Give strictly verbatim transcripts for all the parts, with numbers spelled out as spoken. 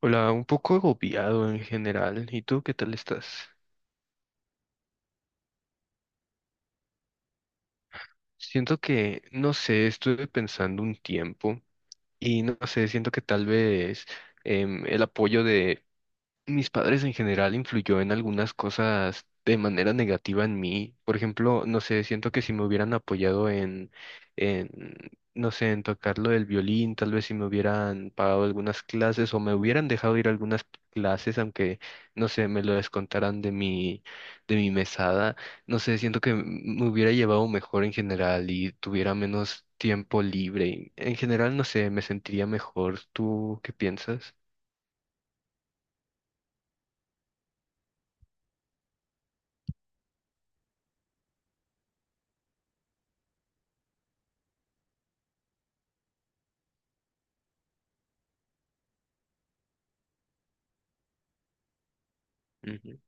Hola, un poco agobiado en general. ¿Y tú qué tal estás? Siento que, no sé, estuve pensando un tiempo y no sé, siento que tal vez em, el apoyo de mis padres en general influyó en algunas cosas de manera negativa en mí. Por ejemplo, no sé, siento que si me hubieran apoyado en, en, no sé, en tocar lo del violín, tal vez si me hubieran pagado algunas clases o me hubieran dejado ir a algunas clases, aunque, no sé, me lo descontaran de mi, de mi mesada, no sé, siento que me hubiera llevado mejor en general y tuviera menos tiempo libre. En general, no sé, me sentiría mejor. ¿Tú qué piensas? Ujú,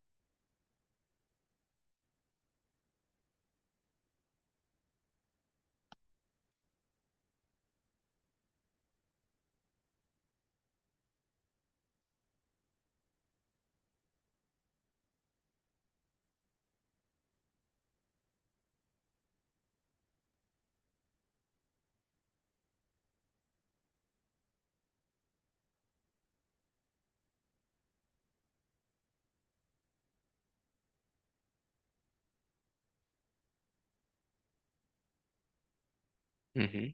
ujú,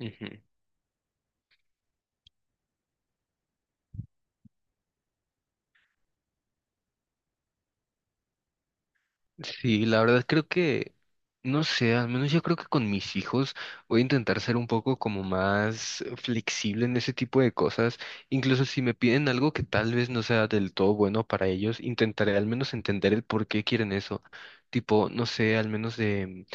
ujú. Sí, la verdad creo que, no sé, al menos yo creo que con mis hijos voy a intentar ser un poco como más flexible en ese tipo de cosas. Incluso si me piden algo que tal vez no sea del todo bueno para ellos, intentaré al menos entender el por qué quieren eso. Tipo, no sé, al menos de...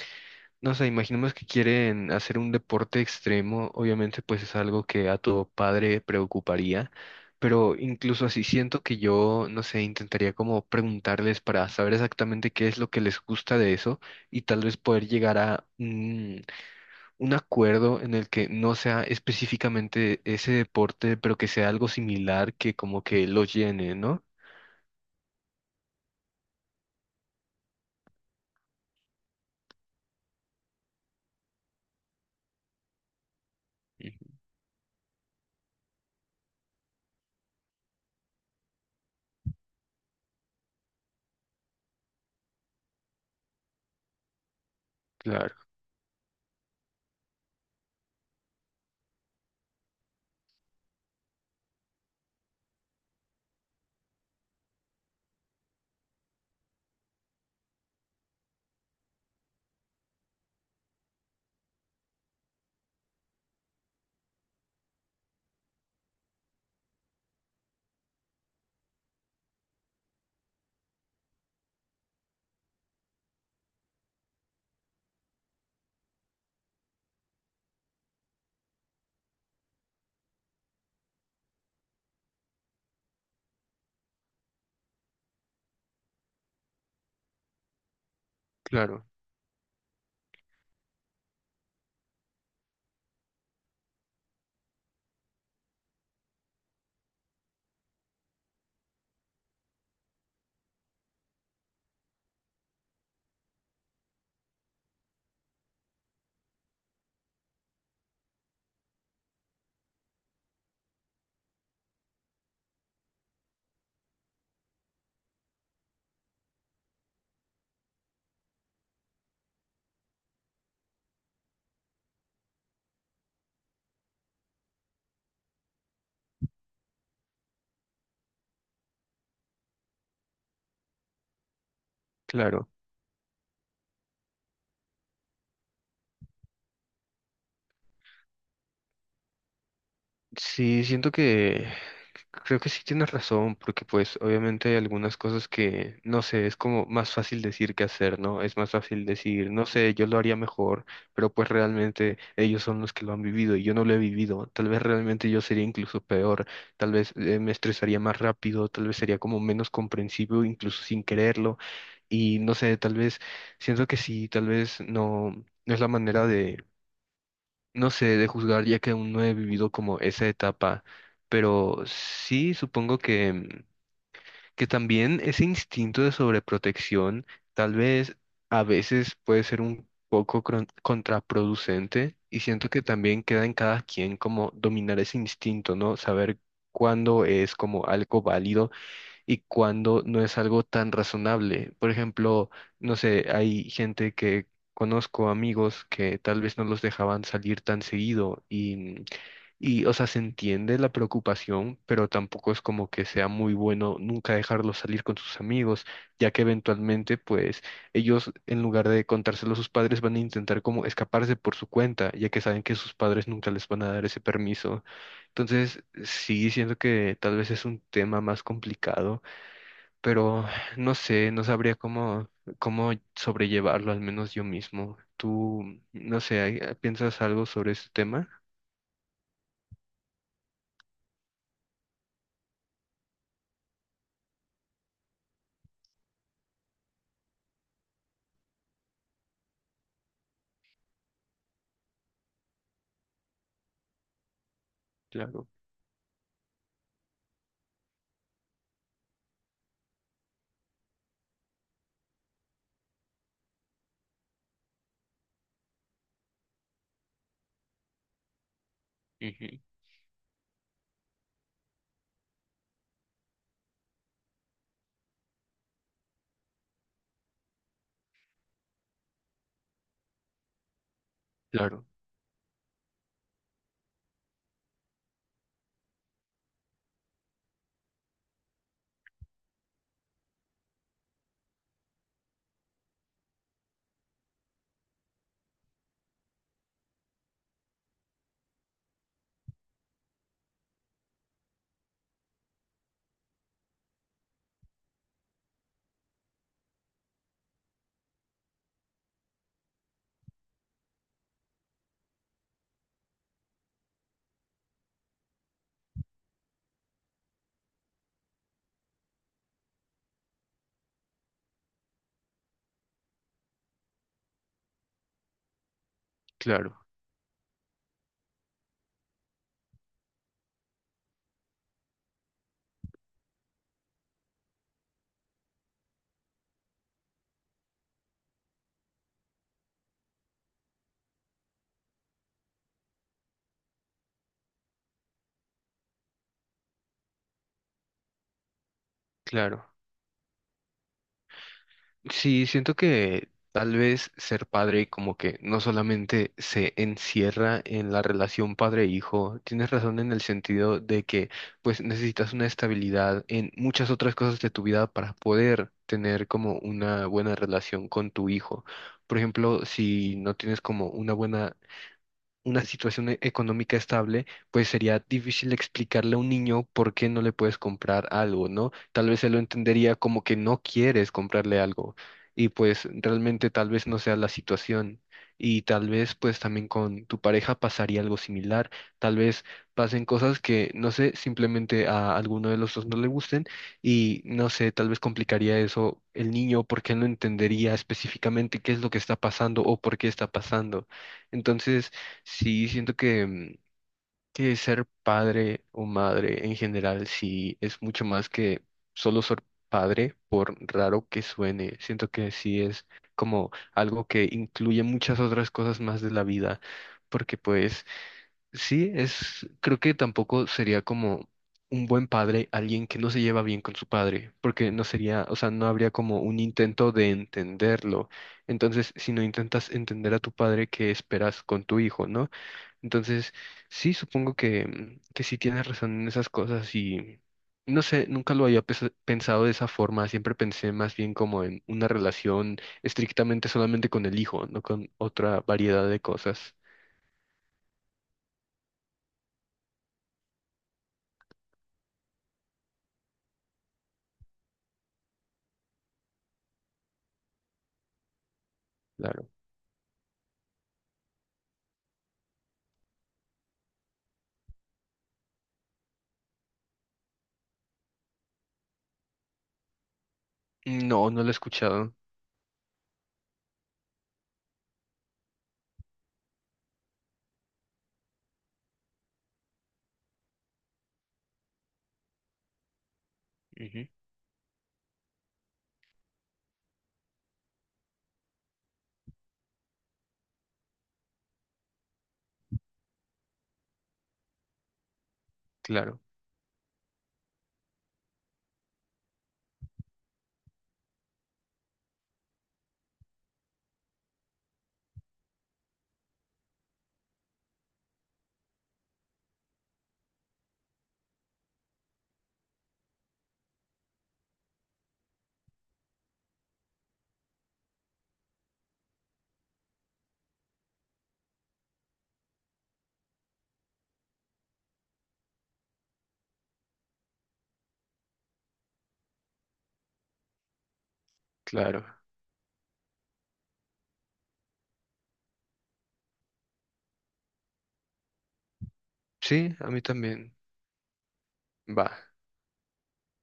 No sé, imaginemos que quieren hacer un deporte extremo, obviamente pues es algo que a tu padre preocuparía, pero incluso así siento que yo, no sé, intentaría como preguntarles para saber exactamente qué es lo que les gusta de eso y tal vez poder llegar a un, un acuerdo en el que no sea específicamente ese deporte, pero que sea algo similar que como que lo llene, ¿no? Claro, claro, claro. Sí, siento que creo que sí tienes razón, porque pues obviamente hay algunas cosas que, no sé, es como más fácil decir que hacer, ¿no? Es más fácil decir, no sé, yo lo haría mejor, pero pues realmente ellos son los que lo han vivido y yo no lo he vivido. Tal vez realmente yo sería incluso peor, tal vez eh, me estresaría más rápido, tal vez sería como menos comprensivo, incluso sin quererlo. Y no sé, tal vez siento que sí, tal vez no, no es la manera no sé de juzgar ya que aún no he vivido como esa etapa, pero sí supongo que, mm, que también ese instinto de sobreprotección tal vez a veces puede ser un poco cron- contraproducente y siento que también queda en cada quien como dominar ese instinto, ¿no? Saber cuándo es como algo válido y cuando no es algo tan razonable. Por ejemplo, no sé, hay gente que conozco, amigos, que tal vez no los dejaban salir tan seguido y, mm, y, o sea, se entiende la preocupación, pero tampoco es como que sea muy bueno nunca dejarlos salir con sus amigos, ya que eventualmente, pues, ellos, en lugar de contárselo a sus padres, van a intentar como escaparse por su cuenta, ya que saben que sus padres nunca les van a dar ese permiso. Entonces, sí, siento que tal vez es un tema más complicado, pero no sé, no sabría cómo, cómo sobrellevarlo, al menos yo mismo. ¿Tú, no sé, ¿hay- piensas algo sobre este tema? Claro, ujú, claro, claro, claro. Sí, siento que tal vez ser padre como que no solamente se encierra en la relación padre-hijo, tienes razón en el sentido de que pues necesitas una estabilidad en muchas otras cosas de tu vida para poder tener como una buena relación con tu hijo. Por ejemplo, si no tienes como una buena una situación e- económica estable, pues sería difícil explicarle a un niño por qué no le puedes comprar algo, ¿no? Tal vez él lo entendería como que no quieres comprarle algo y pues realmente tal vez no sea la situación. Y tal vez pues también con tu pareja pasaría algo similar, tal vez pasen cosas que no sé, simplemente a alguno de los dos no le gusten y no sé, tal vez complicaría eso el niño porque él no entendería específicamente qué es lo que está pasando o por qué está pasando. Entonces, sí, siento que, mm, que ser padre o madre en general sí es mucho más que solo ser padre, por raro que suene. Siento que sí es como algo que incluye muchas otras cosas más de la vida, porque pues sí, es, creo que tampoco sería como un buen padre alguien que no se lleva bien con su padre, porque no sería, o sea, no habría como un intento de entenderlo. Entonces, si no intentas entender a tu padre, ¿qué esperas con tu hijo, no? Entonces, sí, supongo que, mm, que sí tienes razón en esas cosas y no sé, nunca lo había pes- pensado de esa forma, siempre pensé más bien como en una relación estrictamente solamente con el hijo, no con otra variedad de cosas. Claro. No, no lo he escuchado. Ujú, claro, claro. Sí, a mí también. Va.